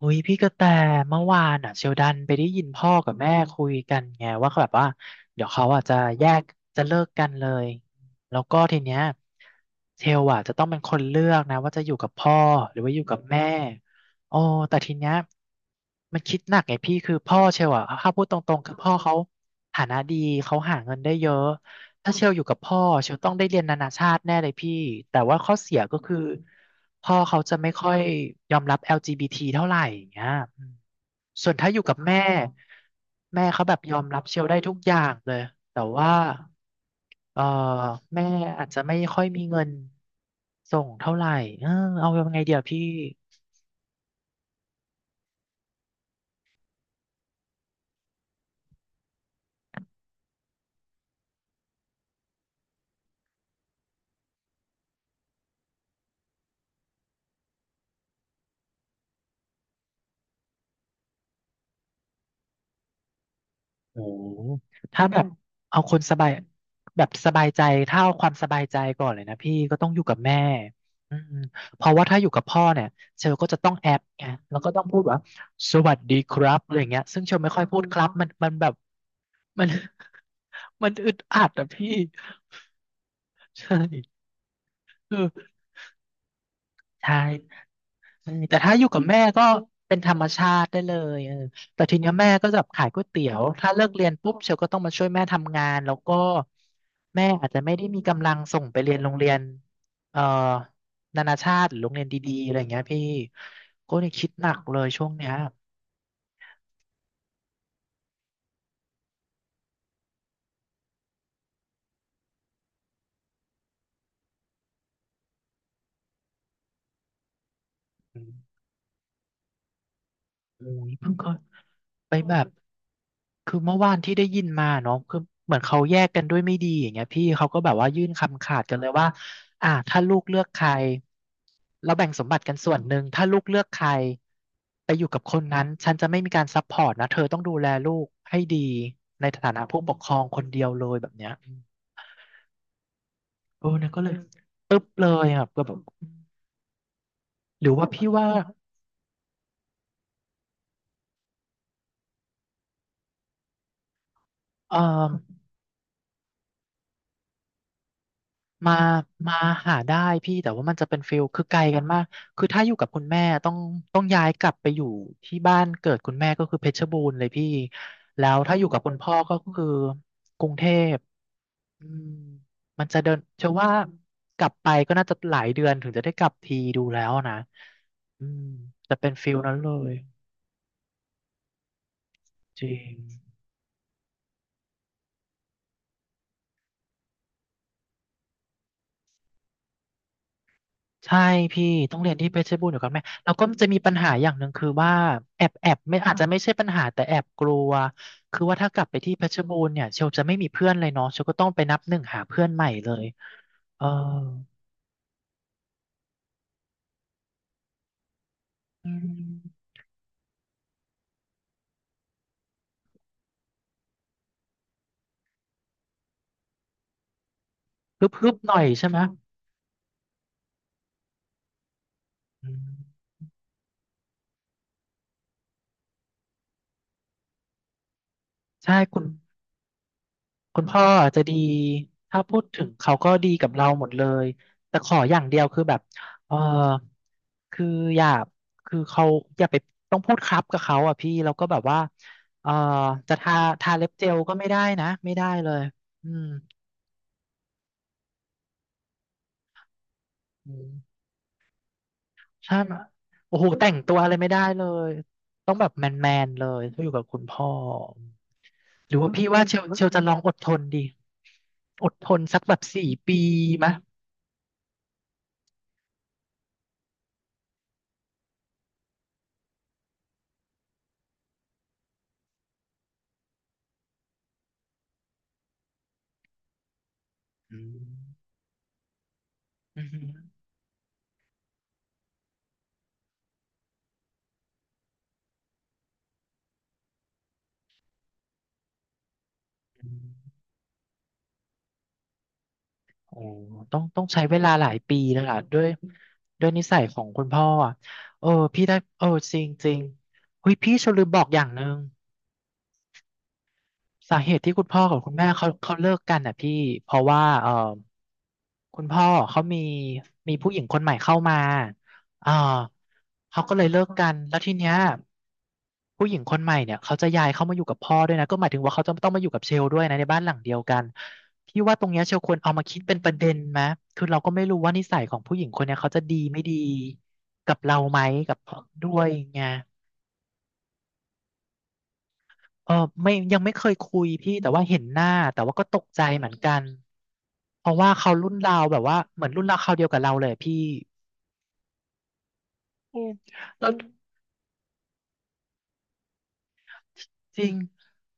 อุ้ยพี่กระแตเมื่อวานอ่ะเชลดันไปได้ยินพ่อกับแม่คุยกันไงว่าเขาแบบว่าเดี๋ยวเขาอ่ะจะแยกจะเลิกกันเลยแล้วก็ทีเนี้ยเชลอ่ะจะต้องเป็นคนเลือกนะว่าจะอยู่กับพ่อหรือว่าอยู่กับแม่โอ้แต่ทีเนี้ยมันคิดหนักไงพี่คือพ่อเชลอ่ะถ้าพูดตรงๆคือพ่อเขาฐานะดีเขาหาเงินได้เยอะ ถ้าเชลอยู่กับพ่อเชลต้องได้เรียนนานาชาติแน่เลยพี่แต่ว่าข้อเสียก็คือพ่อเขาจะไม่ค่อยยอมรับ LGBT เท่าไหร่อย่างเงี้ยอืมส่วนถ้าอยู่กับแม่แม่เขาแบบยอมรับเชลได้ทุกอย่างเลยแต่ว่าเอ่อแม่อาจจะไม่ค่อยมีเงินส่งเท่าไหร่เออเอายังไงเดี๋ยวพี่ โอ้ถ้าอืแบอืบมเอาคนสบายแบบสบายใจ ถ้าเอาความสบายใจก่อนเลยนะพี่ก็ต้องอยู่กับแม่อืมเพราะว่าถ้าอยู่กับพ่อเนี่ยเชลก็จะต้องแอบไงแล้วก็ต้องพูดว่าสวัสดีครับอะไรอย่างเงี้ยซึ่งเชลไม่ค่อยพูดครับมันมันแบบมัน มันอึดอัดอะพี่ใช่เออใช่ เออแต่ถ้าอยู่กับแม่ก็เป็นธรรมชาติได้เลยเออแต่ทีเนี้ยแม่ก็จะขายก๋วยเตี๋ยวถ้าเลิกเรียนปุ๊บเชลก็ต้องมาช่วยแม่ทำงานแล้วก็แม่อาจจะไม่ได้มีกำลังส่งไปเรียนโรงเรียนเอ่อนานาชาติหรือโรงเรียนดีๆอะไรอย่างเงี้ยพี่ก็เนี่ยคิดหนักเลยช่วงเนี้ยอืมโอ้ยเพิ่งเคยไปแบบ คือเมื่อวานที่ได้ยินมาเนาะคือเหมือนเขาแยกกันด้วยไม่ดีอย่างเงี้ยพี่เขาก็แบบว่ายื่นคำขาดกันเลยว่าถ้าลูกเลือกใครเราแบ่งสมบัติกันส่วนหนึ่งถ้าลูกเลือกใครไปอยู่กับคนนั้นฉันจะไม่มีการซัพพอร์ตนะเธอต้องดูแลลูกให้ดีในฐานะผู้ปกครองคนเดียวเลยแบบเนี้ยอืมเออเนี่ยก็เลยปึ๊บเลยอ่ะก็แบบหรือว่าพี่ว่าเออ มามาหาได้พี่แต่ว่ามันจะเป็นฟิลคือไกลกันมากคือถ้าอยู่กับคุณแม่ต้องย้ายกลับไปอยู่ที่บ้านเกิดคุณแม่ก็คือเพชรบูรณ์เลยพี่แล้วถ้าอยู่กับคุณพ่อก็คือกรุงเทพอืมมันจะเดินเชื่อว่ากลับไปก็น่าจะหลายเดือนถึงจะได้กลับทีดูแล้วนะอืมจะเป็นฟิลนั้นเลยจริง ใช่พี่ต้องเรียนที่เพชรบูรณ์อยู่กับแม่แล้วก็จะมีปัญหาอย่างหนึ่งคือว่าแอบไม่อาจจะไม่ใช่ปัญหาแต่แอบกลัวคือว่าถ้ากลับไปที่เพชรบูรณ์เนี่ยเชลจะไม่มีเพื่อนเลยเนาะเชลก็ต้องไปนับหนึ่งหาเพื่อนใหม่เลยเอออืมฮึบฮึบหน่อยใช่ไหมอืมใช่คุณ คุณพ่ออาจจะดีถ้าพูดถึงเขาก็ดีกับเราหมดเลยแต่ขออย่างเดียวคือแบบเออคืออย่าคือเขาอย่าไปต้องพูดครับกับเขาอ่ะพี่แล้วก็แบบว่าเออจะทาเล็บเจลก็ไม่ได้นะไม่ได้เลยอืมอืมใช่ไหมโอ้โหแต่งตัวอะไรไม่ได้เลยต้องแบบแมนแมนเลยถ้าอยู่กับคุณพ่อหรือว่าพี่ว่าเชลจะลองอดทนดีอดทนสักแบบสี่ปีมะอืมอืม โอ้ต้องใช้เวลาหลายปีเลยล่ะด้วยด้วยนิสัยของคุณพ่ออ่ะเออพี่ได้เออจริงจริงเฮ้ยพี่ฉันลืมบอกอย่างหนึ่ง สาเหตุที่คุณพ่อกับคุณแม่เขาเลิกกันอ่ะพี่เพราะว่าเออคุณพ่อเขามีผู้หญิงคนใหม่เข้ามาเออเขาก็เลยเลิกกันแล้วทีเนี้ยผู้หญิงคนใหม่เนี่ยเขาจะย้ายเข้ามาอยู่กับพ่อด้วยนะก็หมายถึงว่าเขาจะต้องมาอยู่กับเชลด้วยนะในบ้านหลังเดียวกันพี่ว่าตรงเนี้ยเชลควรเอามาคิดเป็นประเด็นไหมคือเราก็ไม่รู้ว่านิสัยของผู้หญิงคนเนี้ยเขาจะดีไม่ดีกับเราไหมกับด้วยไง เออไม่ยังไม่เคยคุยพี่แต่ว่าเห็นหน้าแต่ว่าก็ตกใจเหมือนกันเพราะว่าเขารุ่นราวแบบว่าเหมือนรุ่นราวคราวเดียวกับเราเลยอะพี่อืมแล้วจริง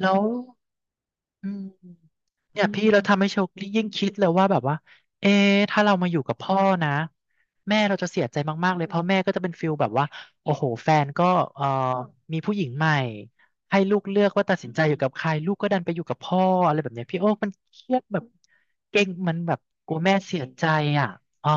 แล้ว อืมเนี่ยพี่เราทำให้โชคยิ่งคิดเลยว่าแบบว่าเอ๊ะถ้าเรามาอยู่กับพ่อนะแม่เราจะเสียใจมากๆเลยเพราะแม่ก็จะเป็นฟิลแบบว่าโอ้โหแฟนก็เอ่อมีผู้หญิงใหม่ให้ลูกเลือกว่าตัดสินใจอยู่กับใครลูกก็ดันไปอยู่กับพ่ออะไรแบบเนี้ยพี่โอ้มันเครียดแบบเก่งมันแบบกลัวแม่เสียใจอ่ะอ๋อ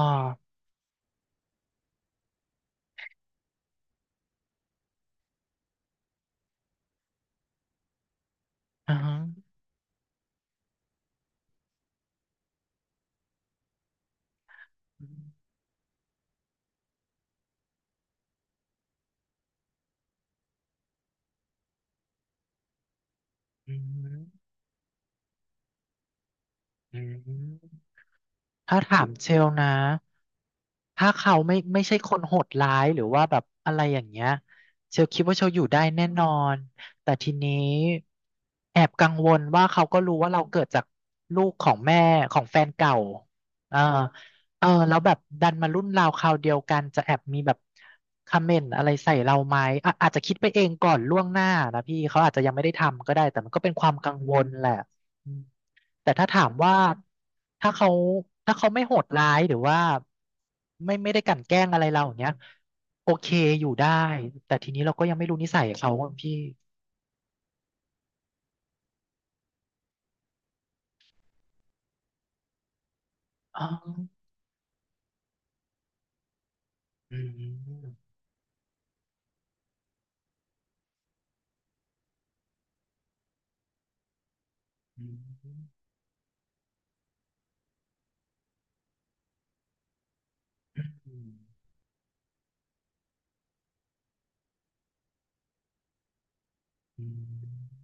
อ่าฮะอืมอืมอืมถ้าถามเชลนะ ถ้าเขาไม่ใช่คนโหดร้ายหรือว่าแบบอะไรอย่างเงี้ยเชลคิดว่าเชลอยู่ได้แน่นอนแต่ทีนี้แอบกังวลว่าเขาก็รู้ว่าเราเกิดจากลูกของแม่ของแฟนเก่าอ่าเออแล้วแบบดันมารุ่นราวคราวเดียวกันจะแอบมีแบบคอมเมนต์อะไรใส่เราไหมอ่ะอาจจะคิดไปเองก่อนล่วงหน้านะพี่เขาอาจจะยังไม่ได้ทำก็ได้แต่มันก็เป็นความกังวลแหละ แต่ถ้าถามว่าถ้าเขาถ้าเขาไม่โหดร้ายหรือว่าไม่ได้กลั่นแกล้งอะไรเราอย่างเงี้ยโอเคอยู่ได้แต่ทีนี้เราก็ยังไม่รู้นิสัยเขาอะพี่อ๋ออืมอืมอืมอืม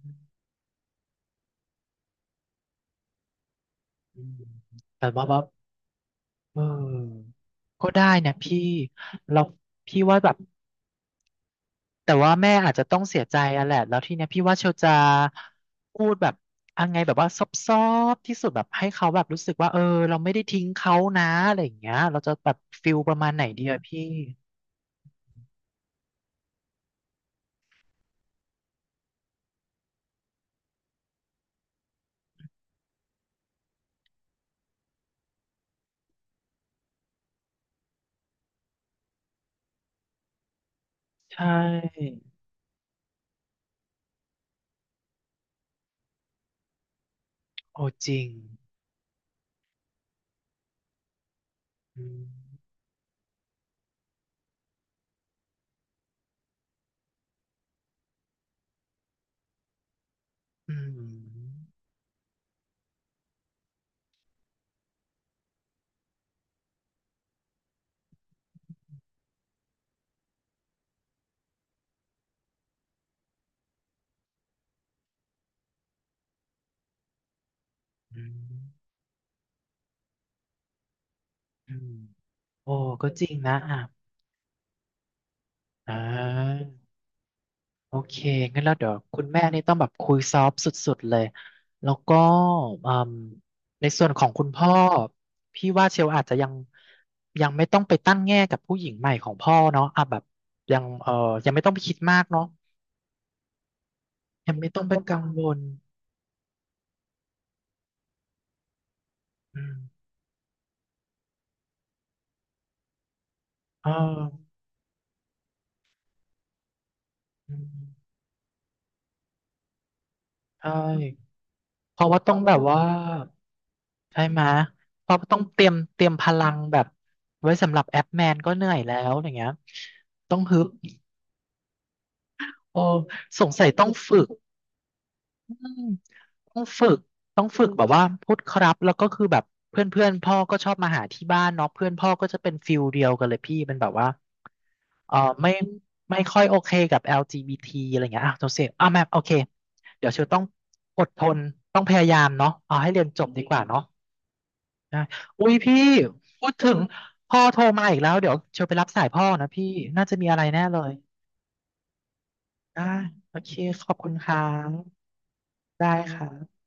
อืมแต่ว่าแบบเออก็ได้นะพี่เราพี่ว่าแบบ แต่ว่าแม่อาจจะต้องเสียใจอะแหละแล้วทีเนี้ยพี่ว่าเชลจะพูดแบบยังไงแบบว่าซอบๆที่สุดแบบให้เขาแบบรู้สึกว่าเออเราไม่ได้ทิ้งเขานะอะไรอย่างเงี้ยเราจะแบบฟิลประมาณไหนดีอะพี่ใช่โอ้จริงอืมอืมอืมอืมโอ้ก็จริงนะอ่ะอ่า โอเคงั้นแล้วเดี๋ยวคุณแม่นี่ต้องแบบคุยซอฟต์สุดๆเลย แล้วก็อืมในส่วนของคุณพ่อพี่ว่าเชลอาจจะยังไม่ต้องไปตั้งแง่กับผู้หญิงใหม่ของพ่อเนาะอ่ะแบบยังยังไม่ต้องไปคิดมากเนาะยังไม่ต้องไปกังวลอืมเอออืมใช่เพราะว่าต้องแบบว่าใช่ไหมเพราะต้องเตรียมพลังแบบไว้สำหรับแอปแมนก็เหนื่อยแล้วอย่างเงี้ยต้องฮึบ โอ้สงสัยต้องฝึกอืมต้องฝึก ต้องฝึกแบบว่าพูดครับแล้วก็คือแบบเพื่อนเพื่อนพ่อก็ชอบมาหาที่บ้านเนาะเพื่อนพ่อก็จะเป็นฟิลเดียวกันเลยพี่เป็นแบบว่าเออไม่ไม่ค่อยโอเคกับ LGBT อลจีบีทีอะไรเงี้ยอ่ะโจเซฟอ่ะแมมโอเค เดี๋ยวเชลต้องอดทนต้องพยายามเนาะเอาให้เรียนจบดีกว่าเนาะนะอุ้ยพี่พูดถึงพ่อโทรมาอีกแล้วเดี๋ยวเชลไปรับสายพ่อนะพี่น่าจะมีอะไรแน่เลยได้โอเคขอบคุณครับได้ค่ะ